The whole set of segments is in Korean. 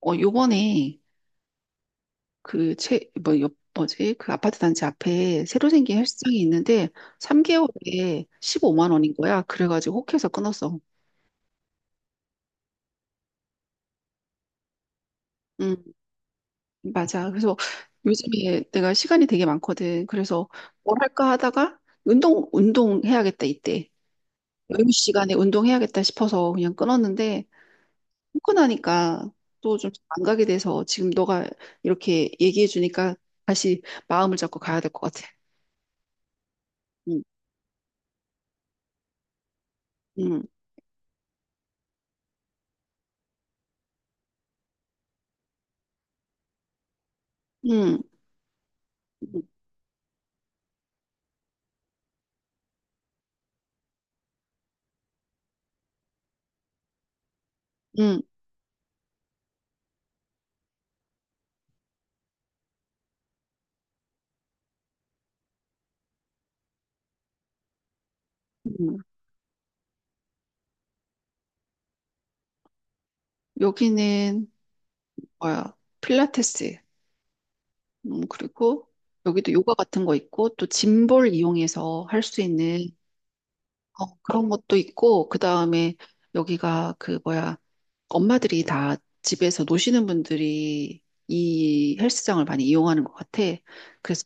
어, 요번에 그 채, 뭐, 요, 뭐지? 그 아파트 단지 앞에 새로 생긴 헬스장이 있는데 3개월에 15만 원인 거야. 그래가지고 혹해서 끊었어. 음, 맞아. 그래서 요즘에 내가 시간이 되게 많거든. 그래서 뭘 할까 하다가 운동해야겠다 이때. 여유 시간에 운동해야겠다 싶어서 그냥 끊었는데 끊고 나니까 또 좀 안 가게 돼서 지금 너가 이렇게 얘기해 주니까 다시 마음을 잡고 가야 될 것 같아. 음, 음, 음. 음. 음, 음. 여기는 뭐야? 필라테스. 그리고 여기도 요가 같은 거 있고 또 짐볼 이용해서 할 수 있는 그런 것도 있고 그다음에 여기가 그 뭐야? 엄마들이 다 집에서 노시는 분들이 이 헬스장을 많이 이용하는 것 같아. 그래서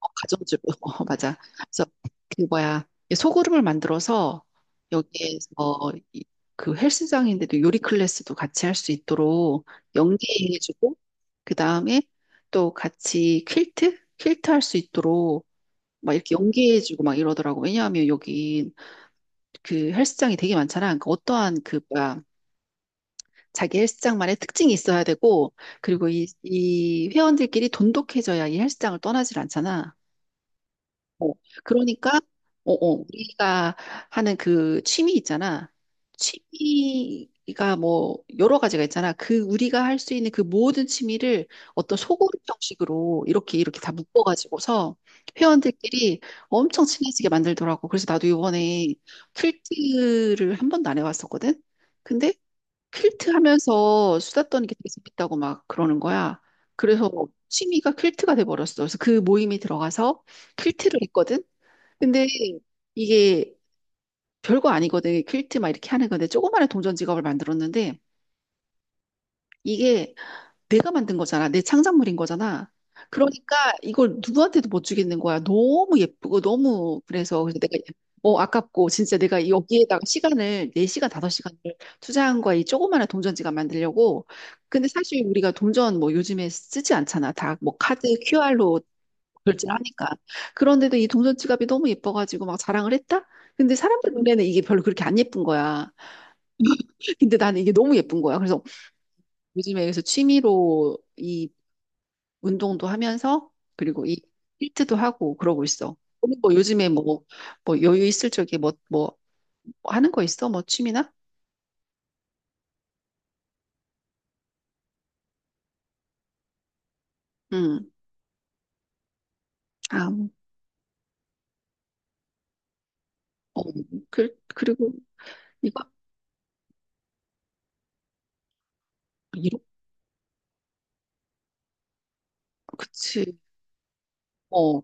어, 가정주부. 어, 맞아. 그래서 그 뭐야 이 소그룹을 만들어서 여기에서 이- 그 헬스장인데도 요리 클래스도 같이 할 수 있도록 연계해주고 그 다음에 또 같이 퀼트 할 수 있도록 막 이렇게 연계해주고 막 이러더라고. 왜냐하면 여기 그 헬스장이 되게 많잖아. 그러니까 어떠한 그 뭐야 자기 헬스장만의 특징이 있어야 되고 그리고 이 회원들끼리 돈독해져야 이 헬스장을 떠나질 않잖아. 어, 그러니까, 우리가 하는 그 취미 있잖아. 취미가 뭐, 여러 가지가 있잖아. 그, 우리가 할 수 있는 그 모든 취미를 어떤 소그룹 형식으로 이렇게, 이렇게 다 묶어가지고서 회원들끼리 엄청 친해지게 만들더라고. 그래서 나도 이번에 퀼트를 한 번도 안 해봤었거든? 근데 퀼트 하면서 수다 떠는 게 되게 재밌다고 막 그러는 거야. 그래서 취미가 퀼트가 돼버렸어. 그래서 그 모임에 들어가서 퀼트를 했거든. 근데 이게 별거 아니거든. 퀼트 막 이렇게 하는 건데 조그마한 동전 지갑을 만들었는데 이게 내가 만든 거잖아. 내 창작물인 거잖아. 그러니까 이걸 누구한테도 못 주겠는 거야. 너무 예쁘고 너무 그래서 내가 아깝고 진짜 내가 여기에다가 시간을 4시간 5시간을 투자한 거야. 이 조그마한 동전지갑 만들려고. 근데 사실 우리가 동전 뭐 요즘에 쓰지 않잖아. 다 뭐 카드 QR로 결제하니까. 그런데도 이 동전지갑이 너무 예뻐가지고 막 자랑을 했다? 근데 사람들 눈에는 이게 별로 그렇게 안 예쁜 거야. 근데 나는 이게 너무 예쁜 거야. 그래서 요즘에 그래서 취미로 이 운동도 하면서 그리고 이 힐트도 하고 그러고 있어. 너는 뭐 요즘에 뭐 여유 있을 적에 뭐 하는 거 있어? 뭐 취미나? 응. 아, 어, 그리고 이거 이렇 그치. 어,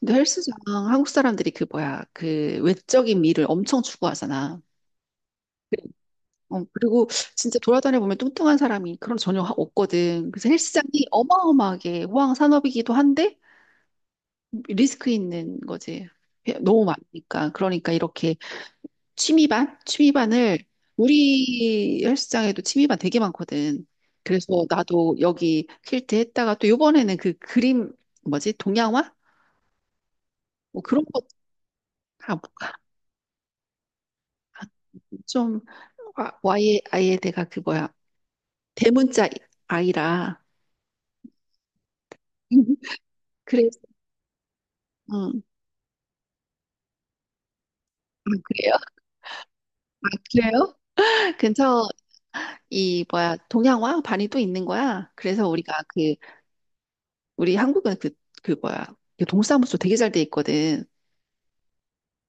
근데 헬스장 한국 사람들이 그 뭐야 그 외적인 미를 엄청 추구하잖아. 어, 그리고 진짜 돌아다녀 보면 뚱뚱한 사람이 그런 거 전혀 없거든. 그래서 헬스장이 어마어마하게 호황 산업이기도 한데 리스크 있는 거지. 너무 많으니까. 그러니까 이렇게 취미반을 우리 헬스장에도 취미반 되게 많거든. 그래서 나도 여기 퀼트 했다가 또 요번에는 그 그림 뭐지? 동양화? 뭐 그런 것좀 와이 아예 아예 내가 그 뭐야 대문자 아이라 그래서 음, 아, 그래요? 아, 그래요? 근처 이 뭐야 동양화 반이 또 있는 거야. 그래서 우리가 그 우리 한국은 그 뭐야 그 동사무소 되게 잘 돼 있거든.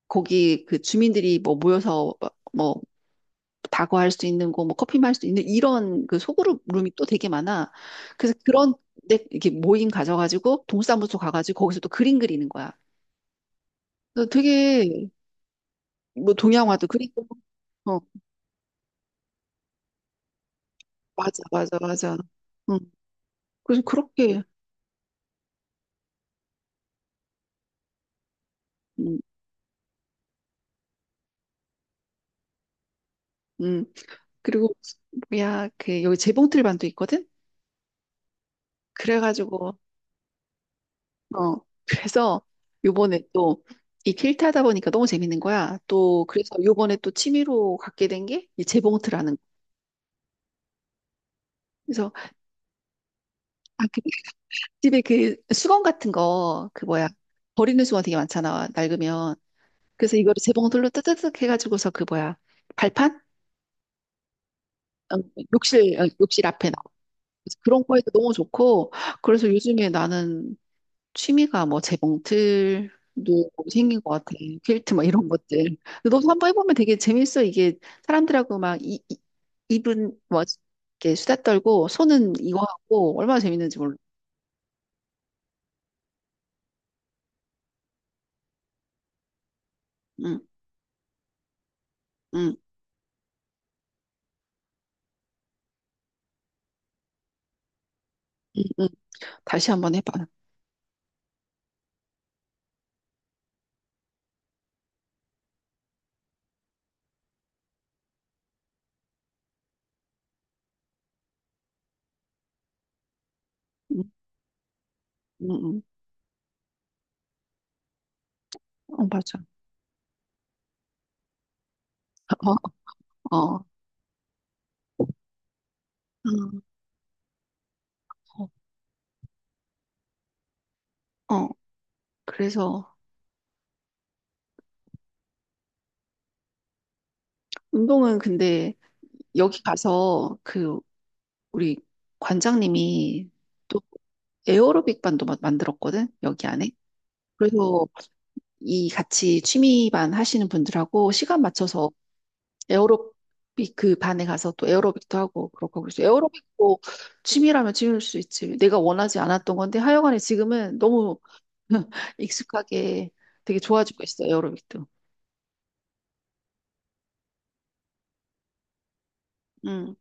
거기 그 주민들이 뭐 모여서 뭐 다과할 수 있는 거, 뭐 커피 마실 수 있는 이런 그 소그룹 룸이 또 되게 많아. 그래서 그런 데 이렇게 모임 가져가지고 동사무소 가가지고 거기서 또 그림 그리는 거야. 그래서 되게 뭐 동양화도 그리고 어 맞아 맞아 맞아. 응. 그래서 그렇게 음, 음. 그리고 뭐야 그 여기 재봉틀반도 있거든. 그래가지고 어, 그래서 요번에 또 이 퀼트 하다 보니까 너무 재밌는 거야. 또 그래서 요번에 또 취미로 갖게 된 게 이 재봉틀하는 거. 그래서 아, 그 집에 그 수건 같은 거 그 뭐야 버리는 수건 되게 많잖아 낡으면. 그래서 이거를 재봉틀로 뜨뜨득 해가지고서 그 뭐야 발판? 어, 욕실 앞에 나와. 그래서 그런 거에도 너무 좋고 그래서 요즘에 나는 취미가 뭐 재봉틀도 생긴 것 같아. 퀼트 막 이런 것들. 근데 너도 한번 해보면 되게 재밌어. 이게 사람들하고 막 입은 뭐 이렇게 수다 떨고 손은 이거 하고 얼마나 재밌는지 몰라. 응, 응, 응, 응. 다시 한번 해봐. 응, 응, 응. 어, 맞아. 어, 어, 응. 어. 어. 그래서 운동은 근데 여기 가서 그 우리 관장님이 또 에어로빅 반도 만들었거든 여기 안에. 그래서 이 같이 취미반 하시는 분들하고 시간 맞춰서 에어로빅 그 반에 가서 또 에어로빅도 하고 그렇게 하고 있어요. 에어로빅도 취미라면 취미일 수 있지. 내가 원하지 않았던 건데 하여간에 지금은 너무 익숙하게 되게 좋아지고 있어, 에어로빅도. 음.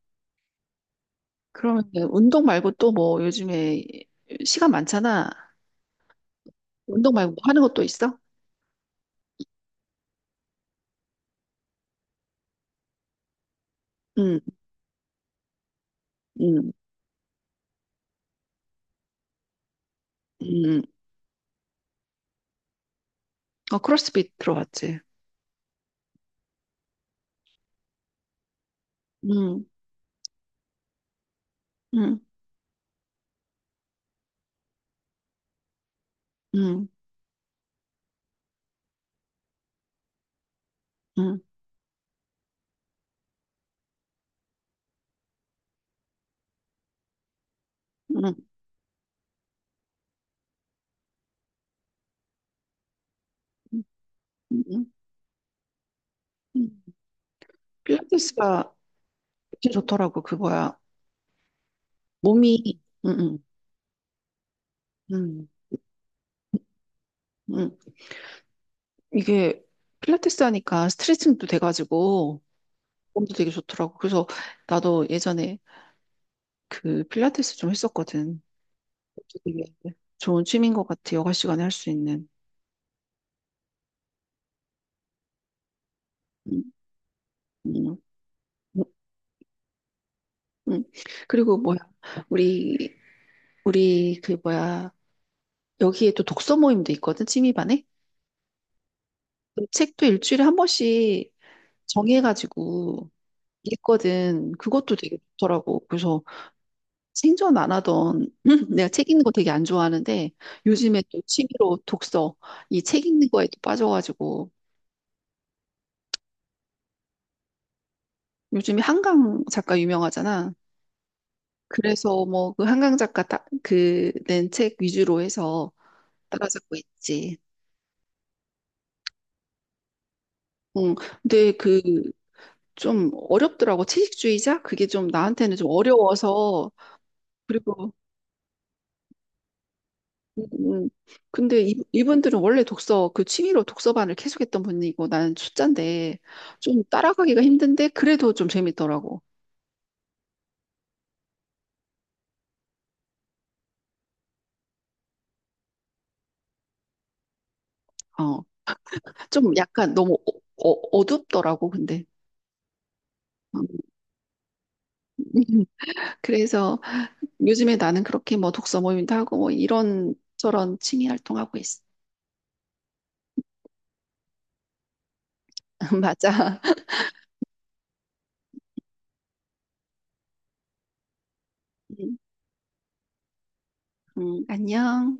그러면 운동 말고 또 뭐 요즘에 시간 많잖아. 운동 말고 뭐 하는 것도 있어? 응, 응, 응. 어, 크로스핏 들어봤지. 응, 응, 응, 응, 응. 응, 음. 필라테스가 진짜 좋더라고, 그 뭐야. 몸이, 음, 음. 이게 필라테스 하니까 스트레칭도 돼가지고 몸도 되게 좋더라고. 그래서 나도 예전에 그 필라테스 좀 했었거든. 그것도 되게 좋은 취미인 것 같아, 여가 시간에 할 수 있는. 음, 음, 음, 음. 그리고 뭐야, 우리, 우리 그 뭐야, 여기에 또 독서 모임도 있거든, 취미반에. 책도 일주일에 한 번씩 정해가지고 있거든. 그것도 되게 좋더라고. 그래서 생전 안 하던 내가 책 읽는 거 되게 안 좋아하는데 요즘에 또 취미로 독서 이 책 읽는 거에 또 빠져가지고 요즘에 한강 작가 유명하잖아. 그래서 뭐 그 한강 작가 그낸 책 위주로 해서 따라잡고 있지. 응. 근데 그 좀 어렵더라고. 채식주의자? 그게 좀 나한테는 좀 어려워서 그리고 음, 음. 근데 이분들은 원래 독서, 그 취미로 독서반을 계속했던 분이고 나는 초짜인데 좀 따라가기가 힘든데 그래도 좀 재밌더라고. 어, 좀 약간 너무 어둡더라고, 근데. 음, 그래서 요즘에 나는 그렇게 뭐 독서 모임도 하고 뭐 이런 저런 취미 활동하고 있어. 맞아. 음, 안녕.